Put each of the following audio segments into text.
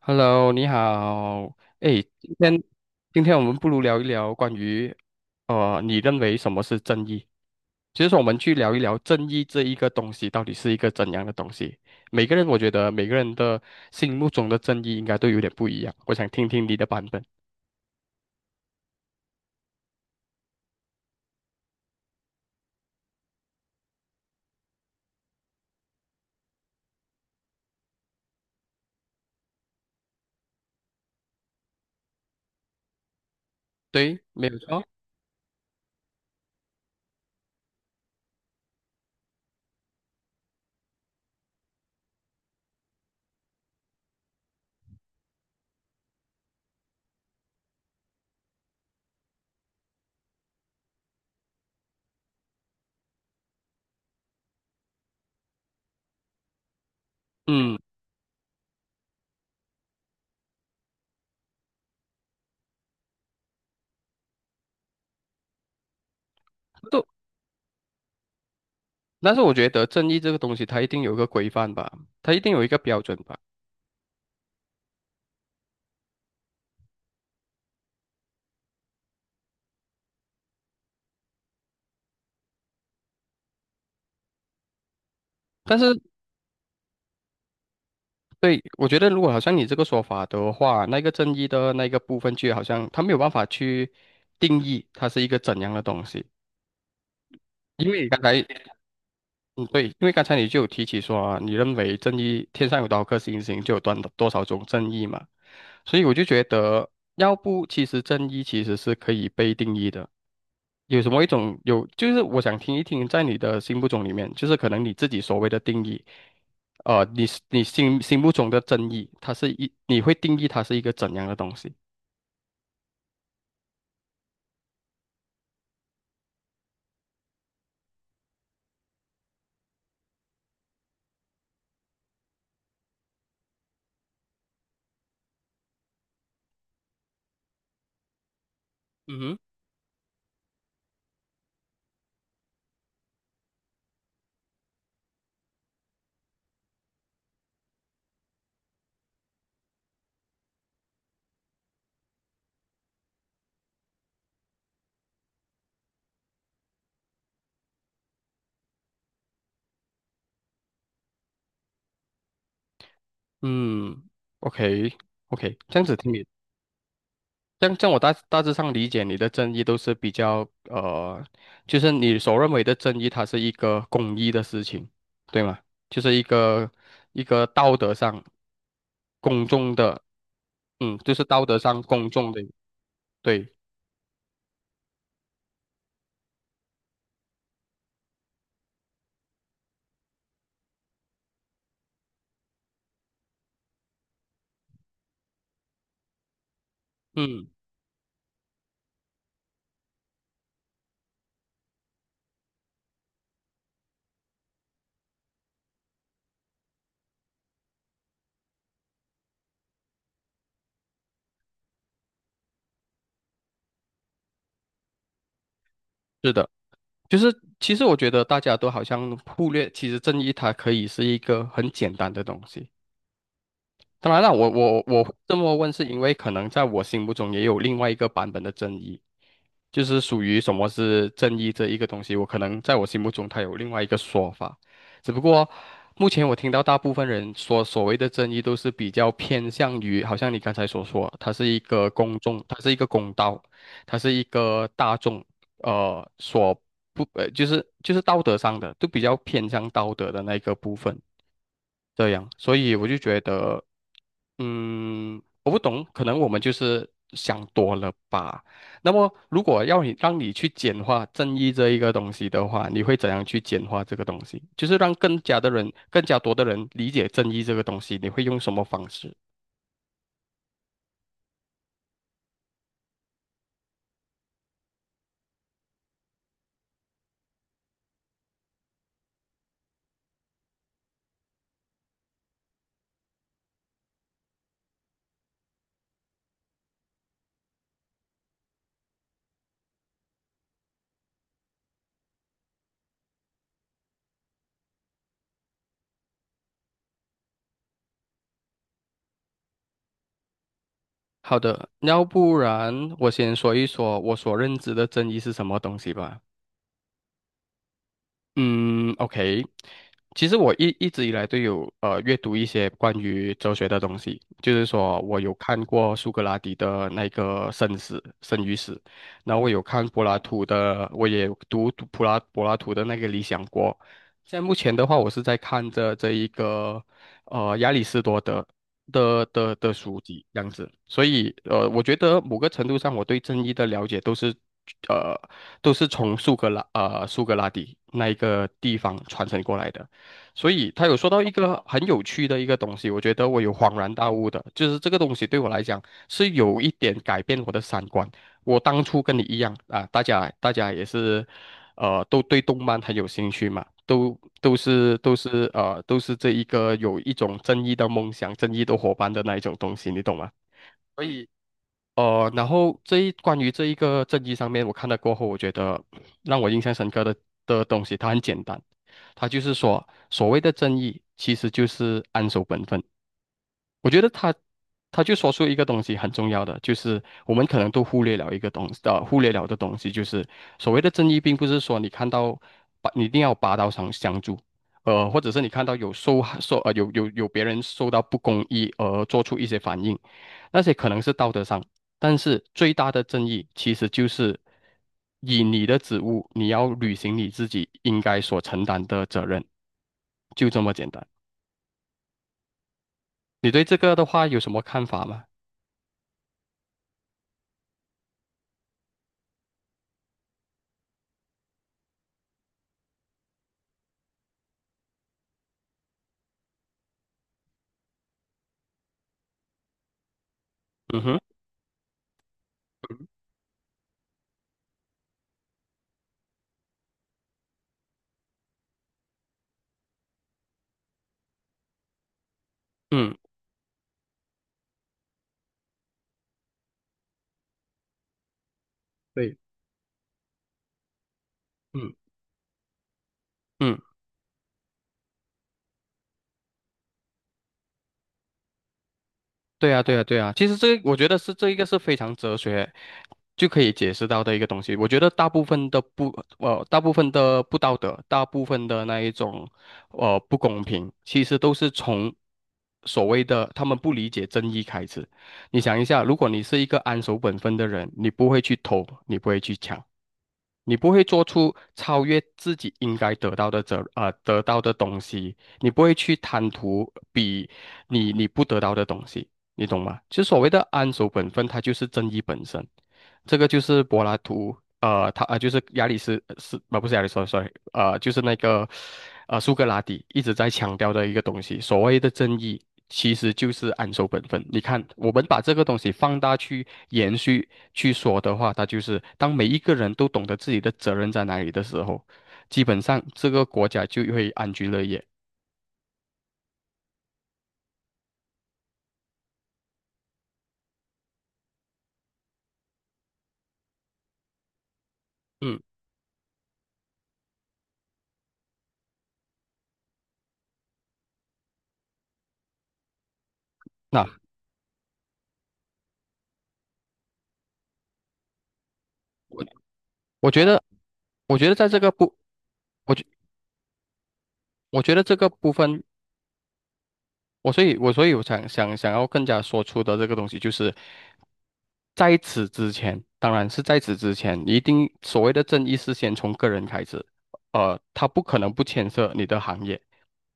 Hello，你好。哎，今天我们不如聊一聊关于，你认为什么是正义？其实说我们去聊一聊正义这一个东西到底是一个怎样的东西。每个人，我觉得每个人的心目中的正义应该都有点不一样。我想听听你的版本。对，没有错。嗯，都，但是我觉得正义这个东西它一定有一个规范吧，它一定有一个标准吧。但是对，我觉得如果好像你这个说法的话，那个正义的那个部分就好像他没有办法去定义它是一个怎样的东西，因为刚才嗯，对，因为刚才你就有提起说啊，你认为正义天上有多少颗星星，就有多多少种正义嘛，所以我就觉得，要不其实正义其实是可以被定义的。有什么一种有，就是我想听一听，在你的心目中里面，就是可能你自己所谓的定义，呃，你你心目中的正义，它是一，你会定义它是一个怎样的东西？嗯哼。嗯，OK OK，这样子听你。这样我大致上理解你的正义都是比较就是你所认为的正义，它是一个公益的事情，对吗？就是一个道德上公众的，嗯，就是道德上公众的，对，嗯，是的。就是其实我觉得大家都好像忽略，其实正义它可以是一个很简单的东西。当然了，我这么问，是因为可能在我心目中也有另外一个版本的正义，就是属于什么是正义这一个东西，我可能在我心目中它有另外一个说法，只不过目前我听到大部分人说所谓的正义都是比较偏向于，好像你刚才所说，它是一个公众，它是一个公道，它是一个大众呃所不呃，就是道德上的，都比较偏向道德的那个部分，这样，所以我就觉得，嗯，我不懂，可能我们就是想多了吧。那么，如果要你让你去简化正义这一个东西的话，你会怎样去简化这个东西？就是让更加的人、更加多的人理解正义这个东西，你会用什么方式？好的，要不然我先说一说我所认知的正义是什么东西吧。嗯，OK，其实我一直以来都有阅读一些关于哲学的东西，就是说我有看过苏格拉底的那个《生死》《生与死》，然后我有看柏拉图的，我也读柏拉柏拉图的那个《理想国》，现在目前的话，我是在看着这一个亚里士多德的书籍这样子，所以我觉得某个程度上，我对正义的了解都是呃都是从苏格拉底那一个地方传承过来的，所以他有说到一个很有趣的一个东西，我觉得我有恍然大悟的，就是这个东西对我来讲是有一点改变我的三观。我当初跟你一样啊，大家也是。呃，都对动漫很有兴趣嘛，都是都是这一个有一种正义的梦想、正义的伙伴的那一种东西，你懂吗？所以然后关于这一个正义上面，我看了过后，我觉得让我印象深刻的东西，它很简单，它就是说所谓的正义其实就是安守本分。我觉得他就说出一个东西很重要的，就是我们可能都忽略了一个东西，忽略了的东西，就是所谓的正义，并不是说你看到你一定要拔刀上相助，呃，或者是你看到有受害受呃有别人受到不公义而做出一些反应，那些可能是道德上，但是最大的正义其实就是以你的职务，你要履行你自己应该所承担的责任，就这么简单。你对这个的话有什么看法吗？嗯哼。嗯对，嗯嗯，对啊对啊对啊，其实这个我觉得是这一个是非常哲学就可以解释到的一个东西。我觉得大部分的不道德，大部分的那一种不公平，其实都是从所谓的他们不理解正义开始。你想一下，如果你是一个安守本分的人，你不会去偷，你不会去抢。你不会做出超越自己应该得到的得到的东西，你不会去贪图比你不得到的东西，你懂吗？其实所谓的安守本分，它就是正义本身。这个就是柏拉图，就是亚里士是呃不是亚里士多，sorry，呃就是那个苏格拉底一直在强调的一个东西，所谓的正义其实就是安守本分。你看，我们把这个东西放大去去说的话，它就是当每一个人都懂得自己的责任在哪里的时候，基本上这个国家就会安居乐业。嗯，那我觉得，我觉得在这个部，我觉我觉得这个部分。我所以我想要更加说出的这个东西，就是在此之前，当然是在此之前，一定所谓的正义是先从个人开始，呃，他不可能不牵涉你的行业，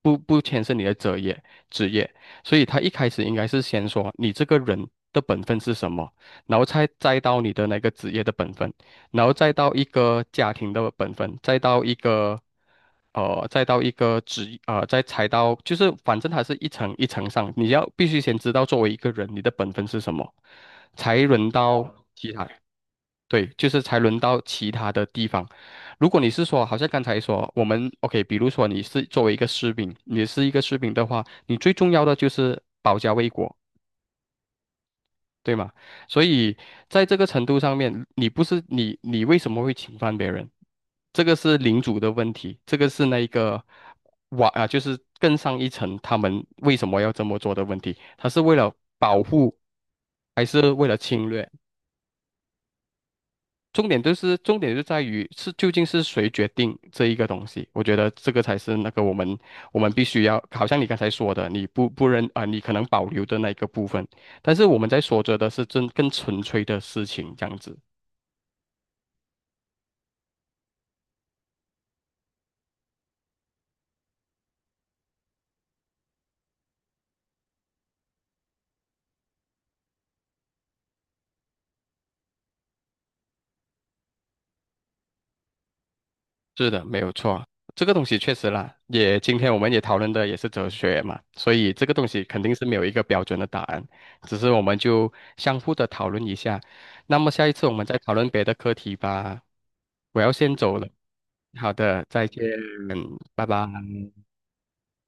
不牵涉你的职业，所以他一开始应该是先说你这个人的本分是什么，然后才再到你的那个职业的本分。然后再到一个家庭的本分，再到一个，呃，再到一个职，呃，再踩到，就是反正它是一层一层上，你要必须先知道作为一个人你的本分是什么，才轮到其他，对，就是才轮到其他的地方。如果你是说，好像刚才说我们 OK，比如说你是作为一个士兵，你是一个士兵的话，你最重要的就是保家卫国。对吗？所以在这个程度上面，你不是你，你为什么会侵犯别人？这个是领主的问题，这个是那一个瓦啊，就是更上一层，他们为什么要这么做的问题？他是为了保护，还是为了侵略？重点就是重点就在于是究竟是谁决定这一个东西，我觉得这个才是那个我们必须要，好像你刚才说的，你不不认啊、你可能保留的那一个部分，但是我们在说着的是真更纯粹的事情这样子。是的，没有错，这个东西确实啦，也今天我们也讨论的也是哲学嘛，所以这个东西肯定是没有一个标准的答案，只是我们就相互的讨论一下。那么下一次我们再讨论别的课题吧。我要先走了，好的，再见，拜拜。